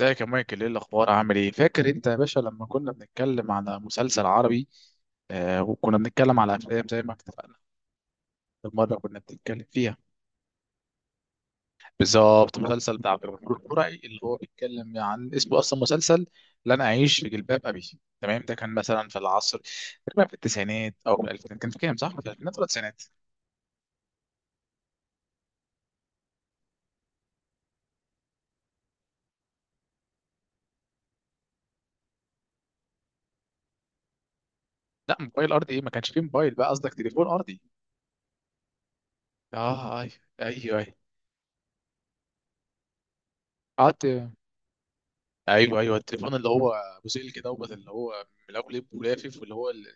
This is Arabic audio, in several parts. ازيك يا مايكل، ايه الاخبار؟ عامل ايه؟ فاكر انت يا باشا لما كنا بنتكلم على مسلسل عربي؟ وكنا بنتكلم على افلام زي ما اتفقنا في المره كنا بنتكلم فيها. بالظبط، المسلسل بتاع عبد الغفور البرعي اللي هو بيتكلم عن اسمه اصلا مسلسل لا انا اعيش في جلباب ابي. تمام، ده كان مثلا في العصر تقريبا في التسعينات او في الالفينات. كان في كام؟ صح، في الالفينات ولا التسعينات؟ لا، موبايل ارضي ايه؟ ما كانش فيه موبايل بقى، قصدك تليفون ارضي. اه، ايوه ايوه ايوه. قعدت. ايوه ايوه، التليفون اللي هو ابو سلك كده دوت، اللي هو ملفلف ولافف، واللي هو ال...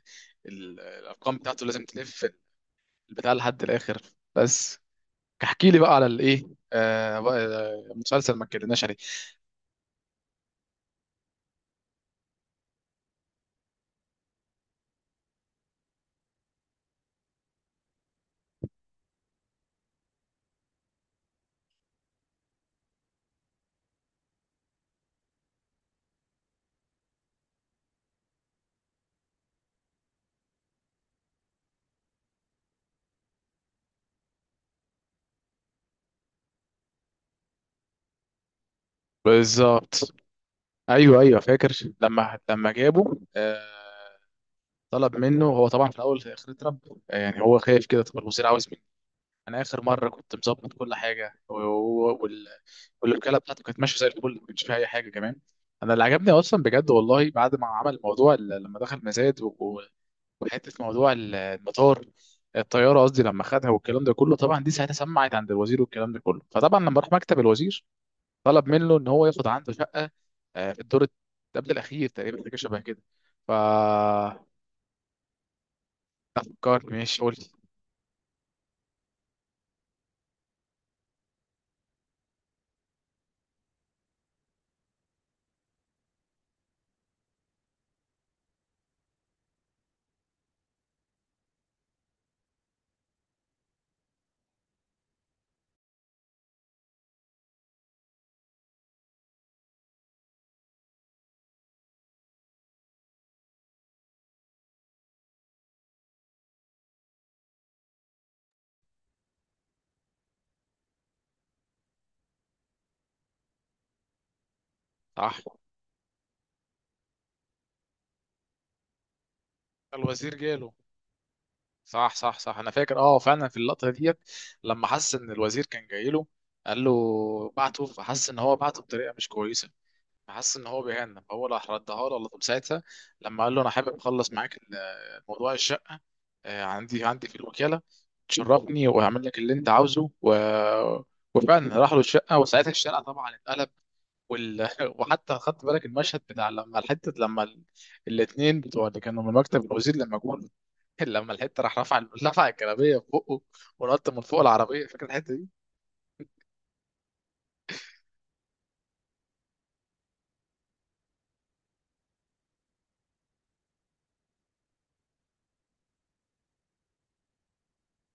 ال... الارقام بتاعته لازم تلف البتاع لحد الاخر. بس. احكي لي بقى على الايه. آه بقى آه، مسلسل ما اتكلمناش عليه. بالظبط، ايوه ايوه فاكر. لما جابه، طلب منه. هو طبعا في الاول في الاخر اترب، يعني هو خايف كده. طب الوزير عاوز مني؟ انا اخر مره كنت مظبط كل حاجه، والوكاله بتاعته كانت ماشيه زي الفل، ما كانش فيها اي حاجه كمان. انا اللي عجبني اصلا بجد والله بعد ما عمل لما دخل مزاد وحته المطار، الطياره قصدي، لما خدها والكلام ده كله. طبعا دي ساعتها سمعت عند الوزير والكلام ده كله. فطبعا لما راح مكتب الوزير طلب منه ان هو ياخد عنده شقه، في الدور قبل الاخير تقريبا، حاجه شبه كده. ف فكرت ماشي قلت. صح. الوزير جاله. صح صح صح، انا فاكر اه فعلا في اللقطه ديت لما حس ان الوزير كان جاي له. قال له بعته، فحس ان هو بعته بطريقه مش كويسه، فحس ان هو بيهنى، فهو راح ردها له على طول ساعتها. لما قال له انا حابب اخلص معاك موضوع الشقه، عندي عندي في الوكاله تشرفني، وهعمل لك اللي انت عاوزه وفعلا راح له الشقه، وساعتها الشارع طبعا اتقلب. وال... وحتى خدت بالك المشهد بتاع لما الحته، لما الاتنين بتوع اللي كانوا من مكتب الوزير لما جم، لما الحته راح رفع الجلابيه في بقه، ونط من فوق العربيه. فاكر الحته دي؟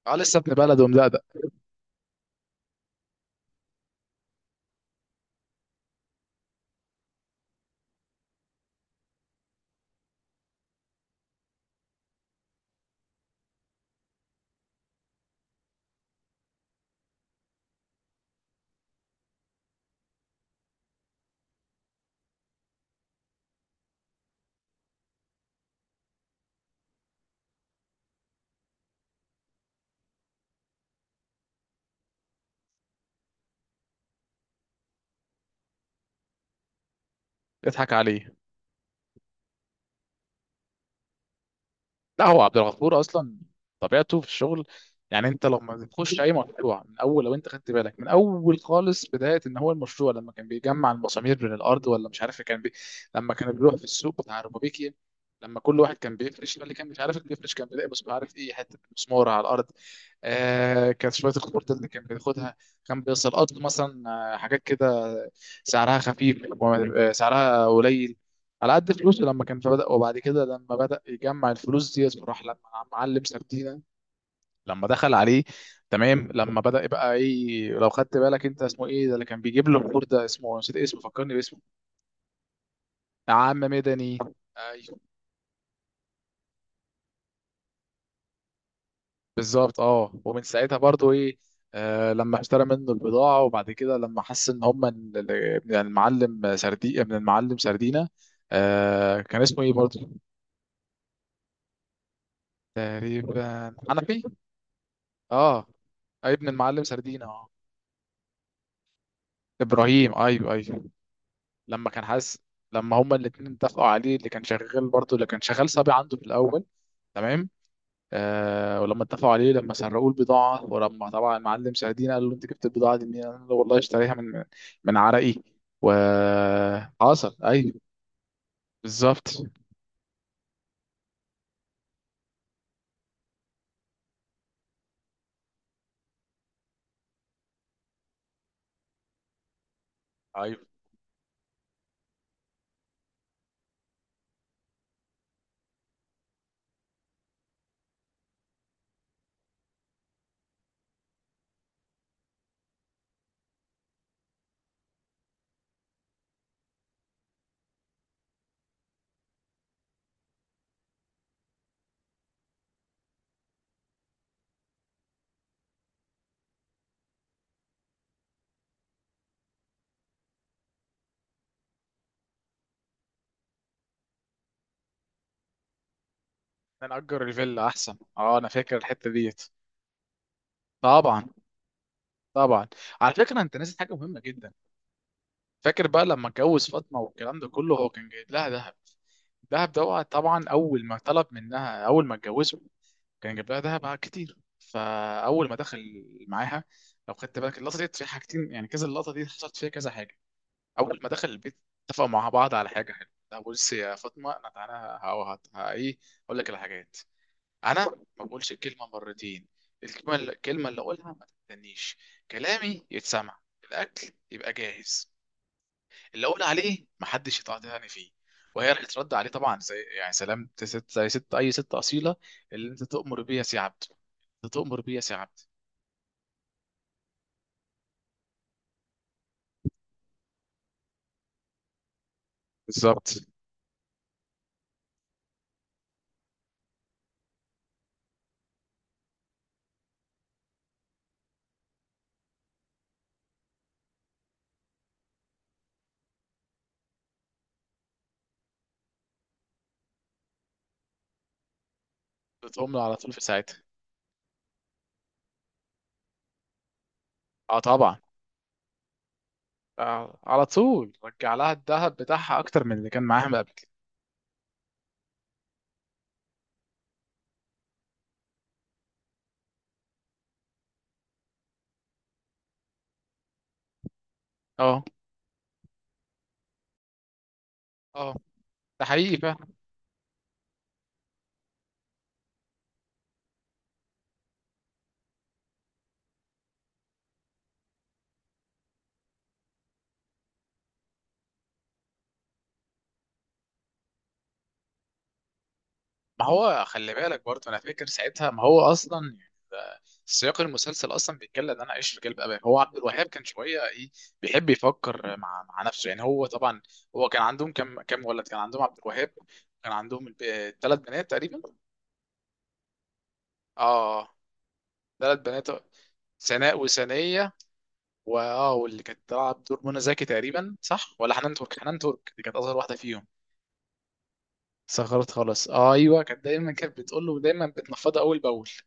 اه، لسه ابن بلد ومدقدق. يضحك عليه. لا، هو عبد الغفور اصلا طبيعته في الشغل. يعني انت لما تخش اي مشروع من اول، لو انت خدت بالك من اول خالص بدايه ان هو المشروع لما كان بيجمع المسامير من الارض، ولا مش عارف لما كان بيروح في السوق بتاع ربابيكي، لما كل واحد كان بيفرش، اللي كان مش عارف اللي بيفرش كان بيلاقي مش عارف ايه حته مسمار على الارض. كانت شويه الخطوط اللي كان بياخدها، كان بيسقط مثلا، حاجات كده سعرها خفيف، سعرها قليل على قد فلوسه لما كان. فبدأ، وبعد كده لما بدأ يجمع الفلوس دي راح لما معلم سردينة لما دخل عليه. تمام، لما بدأ يبقى ايه، لو خدت بالك، انت اسمه ايه ده اللي كان بيجيب له الخور ده؟ اسمه نسيت اسمه، فكرني باسمه. عم مدني، ايوه. بالظبط، اه، ومن ساعتها برضو ايه، لما اشترى منه البضاعة. وبعد كده لما حس ان هم من المعلم سردي، من المعلم سردينة. كان اسمه ايه برضو؟ تقريبا حنفي. اه. ابن المعلم سردينة، اه، ابراهيم، ايوه ايوه. لما كان حاسس، لما هما الاثنين اتفقوا عليه، اللي كان شغال برضه اللي كان شغال صبي عنده في الاول. تمام. ولما اتفقوا عليه، لما سرقوا البضاعه، ولما طبعا المعلم سعدين قال له انت جبت البضاعه دي منين، قال له والله اشتريها من من عرقي. وحصل، ايوه. بالظبط، ايوه. نأجر الفيلا احسن، اه انا فاكر الحته ديت. طبعا، طبعا. على فكره، انت ناسي حاجه مهمه جدا. فاكر بقى لما اتجوز فاطمه والكلام ده كله؟ هو كان جايب لها ذهب. الذهب ده طبعا اول ما طلب منها، اول ما اتجوزه كان جايب لها ذهب كتير. فاول ما دخل معاها، لو خدت بالك اللقطه دي فيها حاجتين، يعني كذا. اللقطه دي حصلت فيها كذا حاجه. اول ما دخل البيت اتفقوا مع بعض على حاجه حلوه. لا بص يا فاطمه، انا تعالى، ايه، اقول لك الحاجات. انا ما بقولش الكلمه مرتين. الكلمه اللي اقولها ما تستنيش، كلامي يتسمع، الاكل يبقى جاهز، اللي اقول عليه محدش يطلع تاني فيه. وهي رح ترد عليه طبعا زي يعني سلام، ست، زي ست، اي ست اصيله: اللي انت تؤمر بي يا سي عبد، انت تؤمر بي يا سي عبد. بالظبط، بتقوم له على طول في ساعتها. اه طبعا. على طول رجع لها الذهب بتاعها اكتر من اللي كان معاها من قبل كده. اه اه. ده حقيقي فعلا. ما هو خلي بالك برضه، انا فاكر ساعتها ما هو اصلا يعني سياق المسلسل اصلا بيتكلم ان انا اعيش في جلب ابي. هو عبد الوهاب كان شويه ايه، بيحب يفكر مع نفسه. يعني هو طبعا، هو كان عندهم كم ولد كان عندهم عبد الوهاب؟ كان عندهم ثلاث بنات تقريبا. اه، ثلاث بنات، سناء وسنية. واه، واللي كانت بتلعب دور منى زكي تقريبا، صح ولا حنان ترك؟ حنان ترك دي كانت اصغر واحده فيهم. صغرت خالص آه ايوه، كانت دايما كانت بتقول له، دايما بتنفضه اول باول.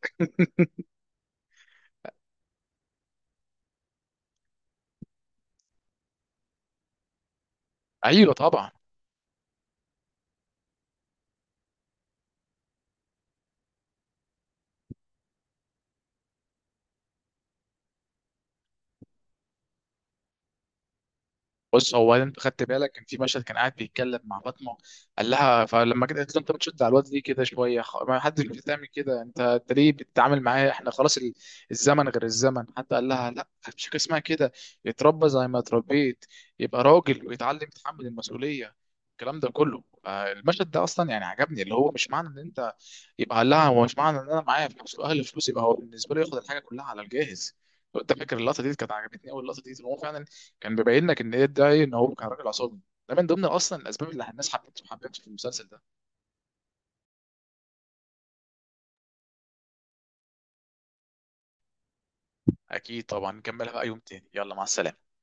ايوه طبعا. بص، هو انت خدت بالك كان في مشهد كان قاعد بيتكلم مع فاطمه. قال لها، فلما جت قالت له انت بتشد على الواد ليه كده شويه، ما حدش بتعمل كده، انت ليه بتتعامل معاه؟ احنا خلاص الزمن غير الزمن. حتى قال لها لا، مفيش حاجه اسمها كده، يتربى زي ما اتربيت، يبقى راجل ويتعلم يتحمل المسؤوليه، الكلام ده كله. المشهد ده اصلا يعني عجبني، اللي هو مش معنى ان انت. يبقى قال لها هو مش معنى ان انا معايا فلوس واهلي فلوس يبقى هو بالنسبه له ياخد الحاجه كلها على الجاهز. لو انت فاكر اللقطه دي كانت عجبتني قوي. اللقطه دي هو فعلا كان بيبين لك ان ايه ده، ان هو كان راجل عصبي. ده من ضمن اصلا الاسباب اللي الناس حبته في المسلسل ده. اكيد طبعا نكملها بقى يوم تاني. يلا مع السلامه.